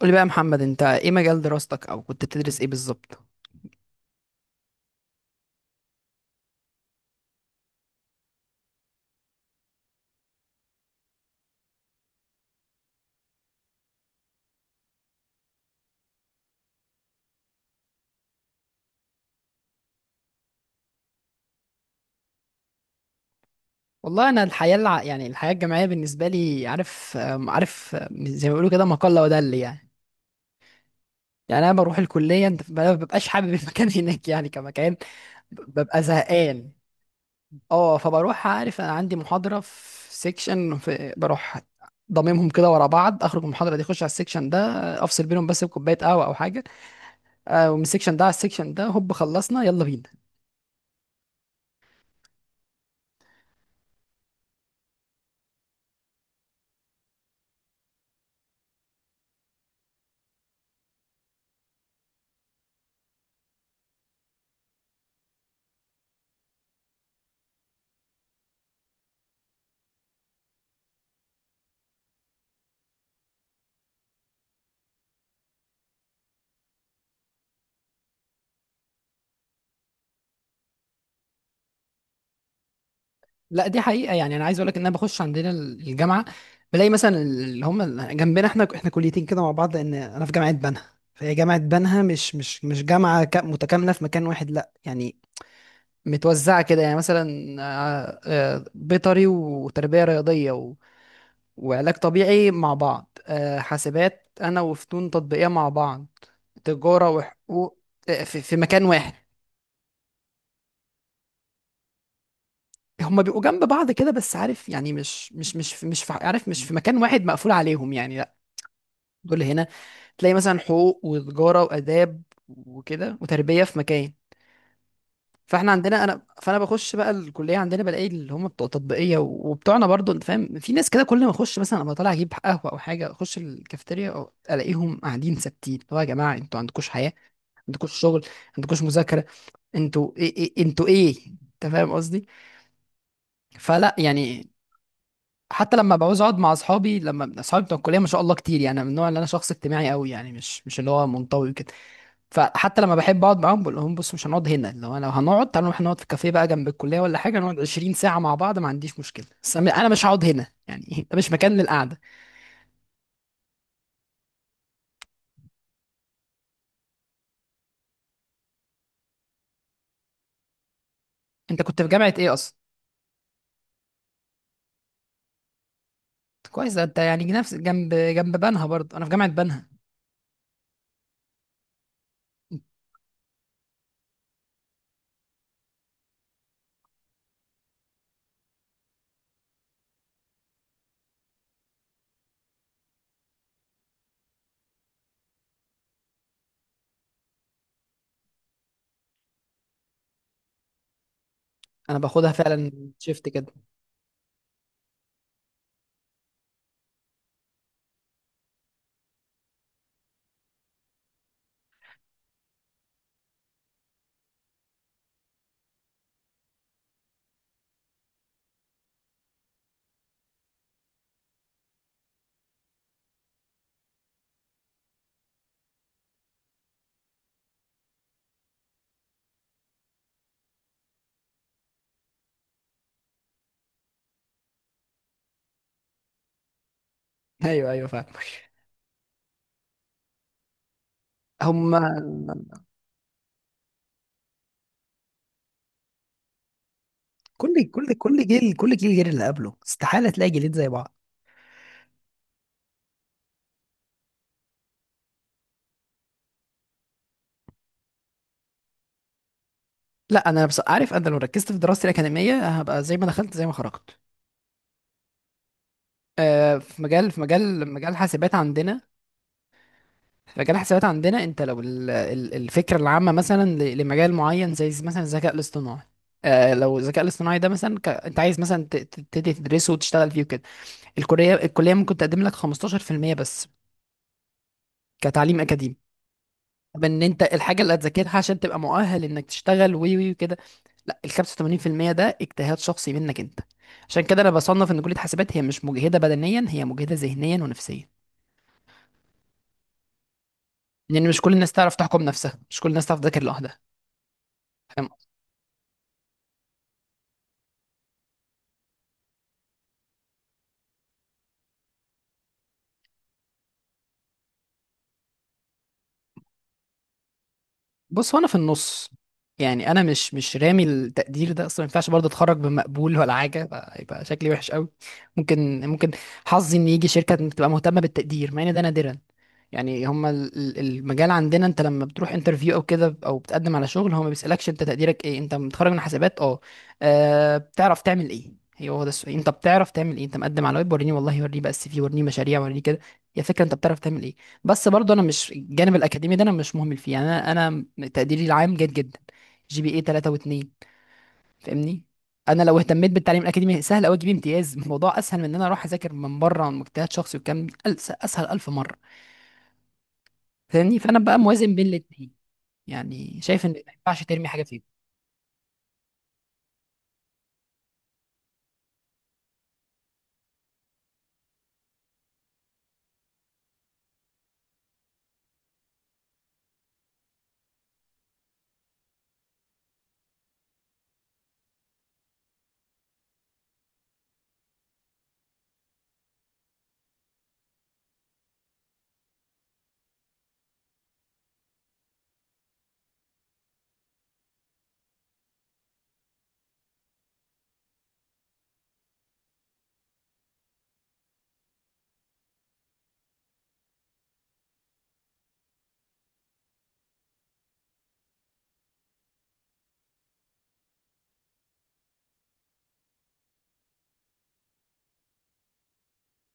قولي بقى يا محمد، انت ايه مجال دراستك او كنت بتدرس ايه بالظبط؟ والله انا يعني الحياه الجامعيه بالنسبه لي، عارف آم، عارف آم، زي ما بيقولوا كده، ما قل ودل. يعني يعني انا بروح الكليه، انت ما ببقاش حابب المكان هناك يعني، كمكان ببقى زهقان. اه، فبروح، عارف، انا عندي محاضره في سيكشن بروح ضممهم كده ورا بعض، اخرج من المحاضره دي اخش على السيكشن ده، افصل بينهم بس بكوبايه قهوه او حاجه. ومن السيكشن ده على السيكشن ده هوب خلصنا، يلا بينا. لا، دي حقيقه. يعني انا عايز اقول لك ان انا بخش عندنا الجامعه، بلاقي مثلا اللي هم جنبنا، احنا كليتين كده مع بعض، لان انا في جامعه بنها. فهي جامعه بنها مش جامعه متكامله في مكان واحد، لا يعني، متوزعه كده يعني. مثلا آه، بيطري وتربيه رياضيه وعلاج طبيعي مع بعض، حاسبات انا وفنون تطبيقية مع بعض، تجارة وحقوق في مكان واحد. هما بيبقوا جنب بعض كده بس، عارف يعني مش في، عارف، مش في مكان واحد مقفول عليهم يعني، لا. دول هنا تلاقي مثلا حقوق وتجارة وآداب وكده وتربية في مكان. فاحنا عندنا انا، فانا بخش بقى الكليه عندنا بلاقي اللي هم بتوع تطبيقيه وبتوعنا برضو، انت فاهم. في ناس كده كل ما اخش مثلا، ابقى طالع اجيب قهوه او حاجه اخش الكافيتيريا، الاقيهم قاعدين ثابتين، اللي هو يا جماعه انتوا عندكوش حياه؟ عندكوش شغل؟ عندكوش مذاكره؟ انتوا ايه؟ انت فاهم قصدي. فلا يعني. حتى لما بعوز اقعد مع اصحابي، لما اصحابي بتوع الكليه ما شاء الله كتير يعني، أنا من النوع اللي انا شخص اجتماعي قوي يعني، مش اللي هو منطوي كده. فحتى لما بحب اقعد معاهم بقول لهم: بص، مش هنقعد هنا، لو انا لو هنقعد، تعالوا نروح نقعد في كافيه بقى جنب الكليه ولا حاجه، نقعد 20 ساعه مع بعض ما عنديش مشكله، بس انا، مش هقعد هنا يعني، ده مش مكان للقعده. انت كنت في جامعه ايه اصلا؟ كويس، ده انت يعني نفس، جنب، بنها برضه، انا في جامعه بنها. انا باخدها فعلا شيفت كده. ايوه، ايوه، فعلا. هم. كل جيل غير اللي قبله، استحاله تلاقي جيلين زي بعض. لا انا بس، عارف، انا لو ركزت في دراستي الاكاديميه هبقى زي ما دخلت زي ما خرجت. في مجال حاسبات عندنا. فجراحة حسابات عندنا، انت لو الفكرة العامة مثلا لمجال معين، زي مثلا الذكاء الاصطناعي، آه لو الذكاء الاصطناعي ده مثلا انت عايز مثلا تبتدي تدرسه وتشتغل فيه وكده، الكلية ممكن تقدم لك 15% بس، كتعليم اكاديمي، بان انت الحاجة اللي هتذاكرها عشان تبقى مؤهل انك تشتغل وي وي وكده. لا، ال 85% ده اجتهاد شخصي منك انت. عشان كده انا بصنف ان كلية حاسبات هي مش مجهدة بدنيا، هي مجهدة ذهنيا ونفسيا، لان مش كل الناس تعرف تحكم نفسها، مش كل الناس تعرف تذاكر لوحدها. بص، هو انا في النص. يعني انا مش رامي التقدير ده اصلا، ما ينفعش برضه اتخرج بمقبول ولا حاجه، يبقى شكلي وحش قوي. ممكن، حظي ان يجي شركه تبقى مهتمه بالتقدير، مع ان ده نادرا. يعني هما المجال عندنا، انت لما بتروح انترفيو او كده او بتقدم على شغل، هو ما بيسألكش انت تقديرك ايه. انت متخرج من حسابات، اه، بتعرف تعمل ايه، هو ده السؤال: انت بتعرف تعمل ايه؟ انت مقدم على ويب، وريني، والله وريني بقى السي في، وريني مشاريع، وريني كده، يا فكره انت بتعرف تعمل ايه. بس برضه انا مش الجانب الاكاديمي ده انا مش مهمل فيه يعني، انا تقديري العام جيد جدا، GPA 3 و2، فاهمني. انا لو اهتميت بالتعليم الاكاديمي سهل قوي اجيب امتياز، الموضوع اسهل من ان انا اروح اذاكر من بره، عن مجتهد شخصي والكلام ده اسهل الف مره، فاهمني. فانا بقى موازن بين الاثنين، يعني شايف ان ما ينفعش ترمي حاجه فيهم.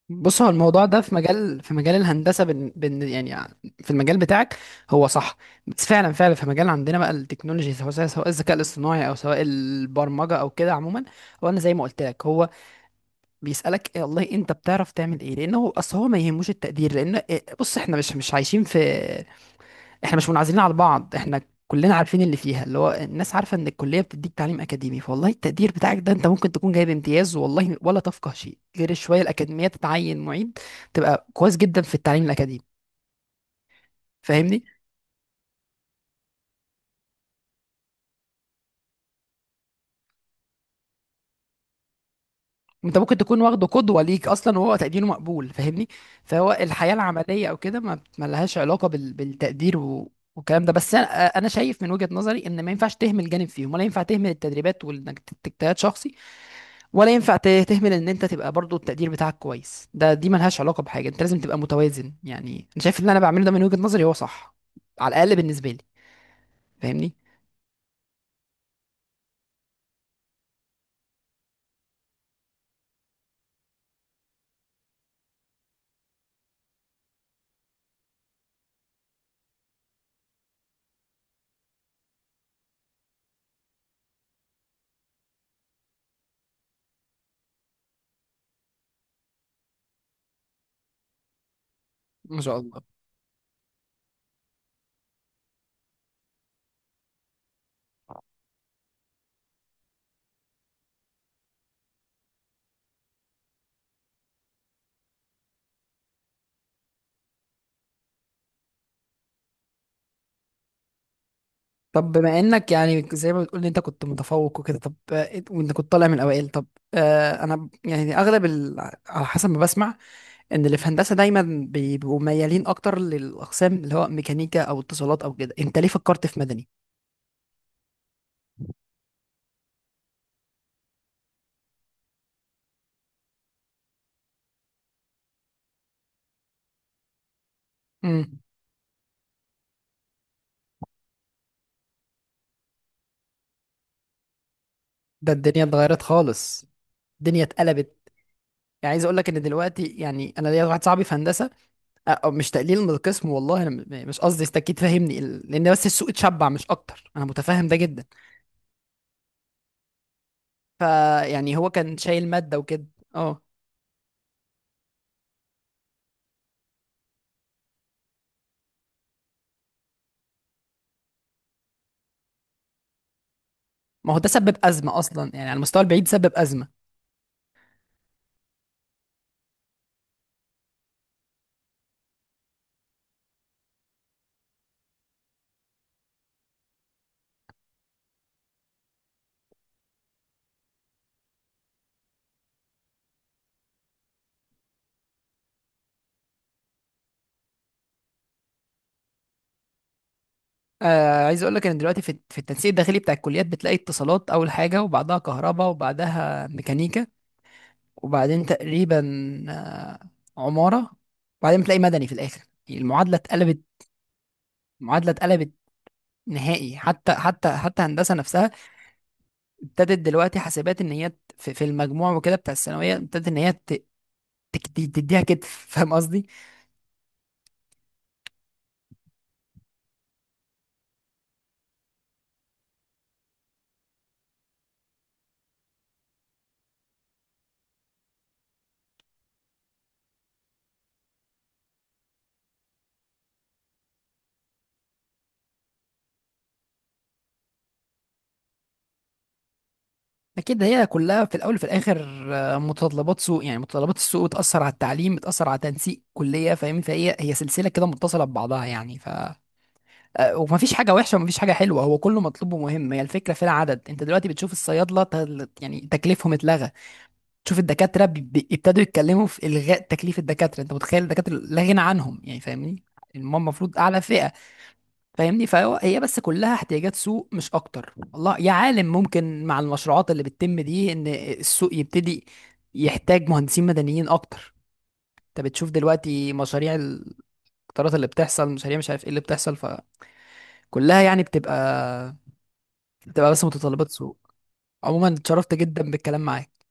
بص هو الموضوع ده في مجال الهندسه، بن بن يعني في المجال بتاعك هو صح، بس فعلا فعلا في مجال عندنا بقى التكنولوجي، سواء الذكاء الاصطناعي او سواء البرمجه او كده عموما. هو انا زي ما قلت لك، هو بيسالك إيه؟ والله انت بتعرف تعمل ايه، لانه اصل هو ما يهموش التقدير، لان إيه، بص احنا مش عايشين في، احنا مش منعزلين على بعض، احنا كلنا عارفين اللي فيها، اللي هو الناس عارفه ان الكليه بتديك تعليم اكاديمي، فوالله التقدير بتاعك ده انت ممكن تكون جايب امتياز والله، ولا تفقه شيء غير الشويه الاكاديميه، تتعين معيد، تبقى كويس جدا في التعليم الاكاديمي، فاهمني. انت ممكن تكون واخده قدوه ليك اصلا وهو تقديره مقبول، فاهمني. فهو الحياه العمليه او كده ما لهاش علاقه بالتقدير والكلام ده، بس انا شايف من وجهه نظري ان ما ينفعش تهمل جانب فيهم، ولا ينفع تهمل التدريبات وانك تجتهد شخصي، ولا ينفع تهمل ان انت تبقى برضو التقدير بتاعك كويس ده، دي ملهاش علاقه بحاجه، انت لازم تبقى متوازن يعني. انا شايف اللي انا بعمله ده من وجهه نظري هو صح، على الاقل بالنسبه لي، فاهمني. ما شاء الله. طب بما انك يعني زي ما بتقول ان انت كنت متفوق وكده، طب، وانت كنت طالع من الاوائل، طب، انا يعني اغلب على حسب ما بسمع ان اللي في هندسه دايما بيبقوا ميالين اكتر للاقسام، اللي هو ميكانيكا او اتصالات او كده، انت ليه فكرت في مدني؟ امم ده الدنيا اتغيرت خالص، الدنيا اتقلبت. يعني عايز اقول لك ان دلوقتي، يعني انا ليا واحد صاحبي في هندسه، أو مش تقليل من القسم، والله انا مش قصدي، انت اكيد فاهمني، لان بس السوق اتشبع مش اكتر، انا متفاهم ده جدا، فيعني هو كان شايل ماده وكده. اه، ما هو ده سبب ازمه اصلا يعني، على المستوى البعيد سبب ازمه. عايز اقول لك ان دلوقتي في التنسيق الداخلي بتاع الكليات بتلاقي اتصالات اول حاجه وبعدها كهرباء وبعدها ميكانيكا، وبعدين تقريبا آه عماره، وبعدين بتلاقي مدني في الاخر. المعادله اتقلبت، المعادله اتقلبت نهائي، حتى هندسه نفسها ابتدت دلوقتي حاسبات ان هي في المجموع وكده بتاع الثانويه، ابتدت ان هي تديها كتف، فاهم قصدي؟ اكيد هي كلها في الاول وفي الاخر متطلبات سوق، يعني متطلبات السوق بتاثر على التعليم، بتاثر على تنسيق كليه، فاهم. فهي سلسله كده متصله ببعضها يعني، ف آه، ومفيش حاجه وحشه ومفيش حاجه حلوه، هو كله مطلوب ومهم، هي الفكره في العدد. انت دلوقتي بتشوف الصيادله يعني تكليفهم اتلغى، تشوف الدكاترة ابتدوا يتكلموا في إلغاء تكليف الدكاترة، أنت متخيل؟ الدكاترة لا غنى عنهم يعني، فاهمني. يعني هم المفروض أعلى فئة، فاهمني. فهو هي بس كلها احتياجات سوق مش أكتر، والله يا عالم ممكن مع المشروعات اللي بتتم دي إن السوق يبتدي يحتاج مهندسين مدنيين أكتر. أنت بتشوف دلوقتي مشاريع القطارات اللي بتحصل، مشاريع مش عارف إيه اللي بتحصل، فكلها يعني بتبقى بس متطلبات سوق. عموما، اتشرفت جدا بالكلام معاك.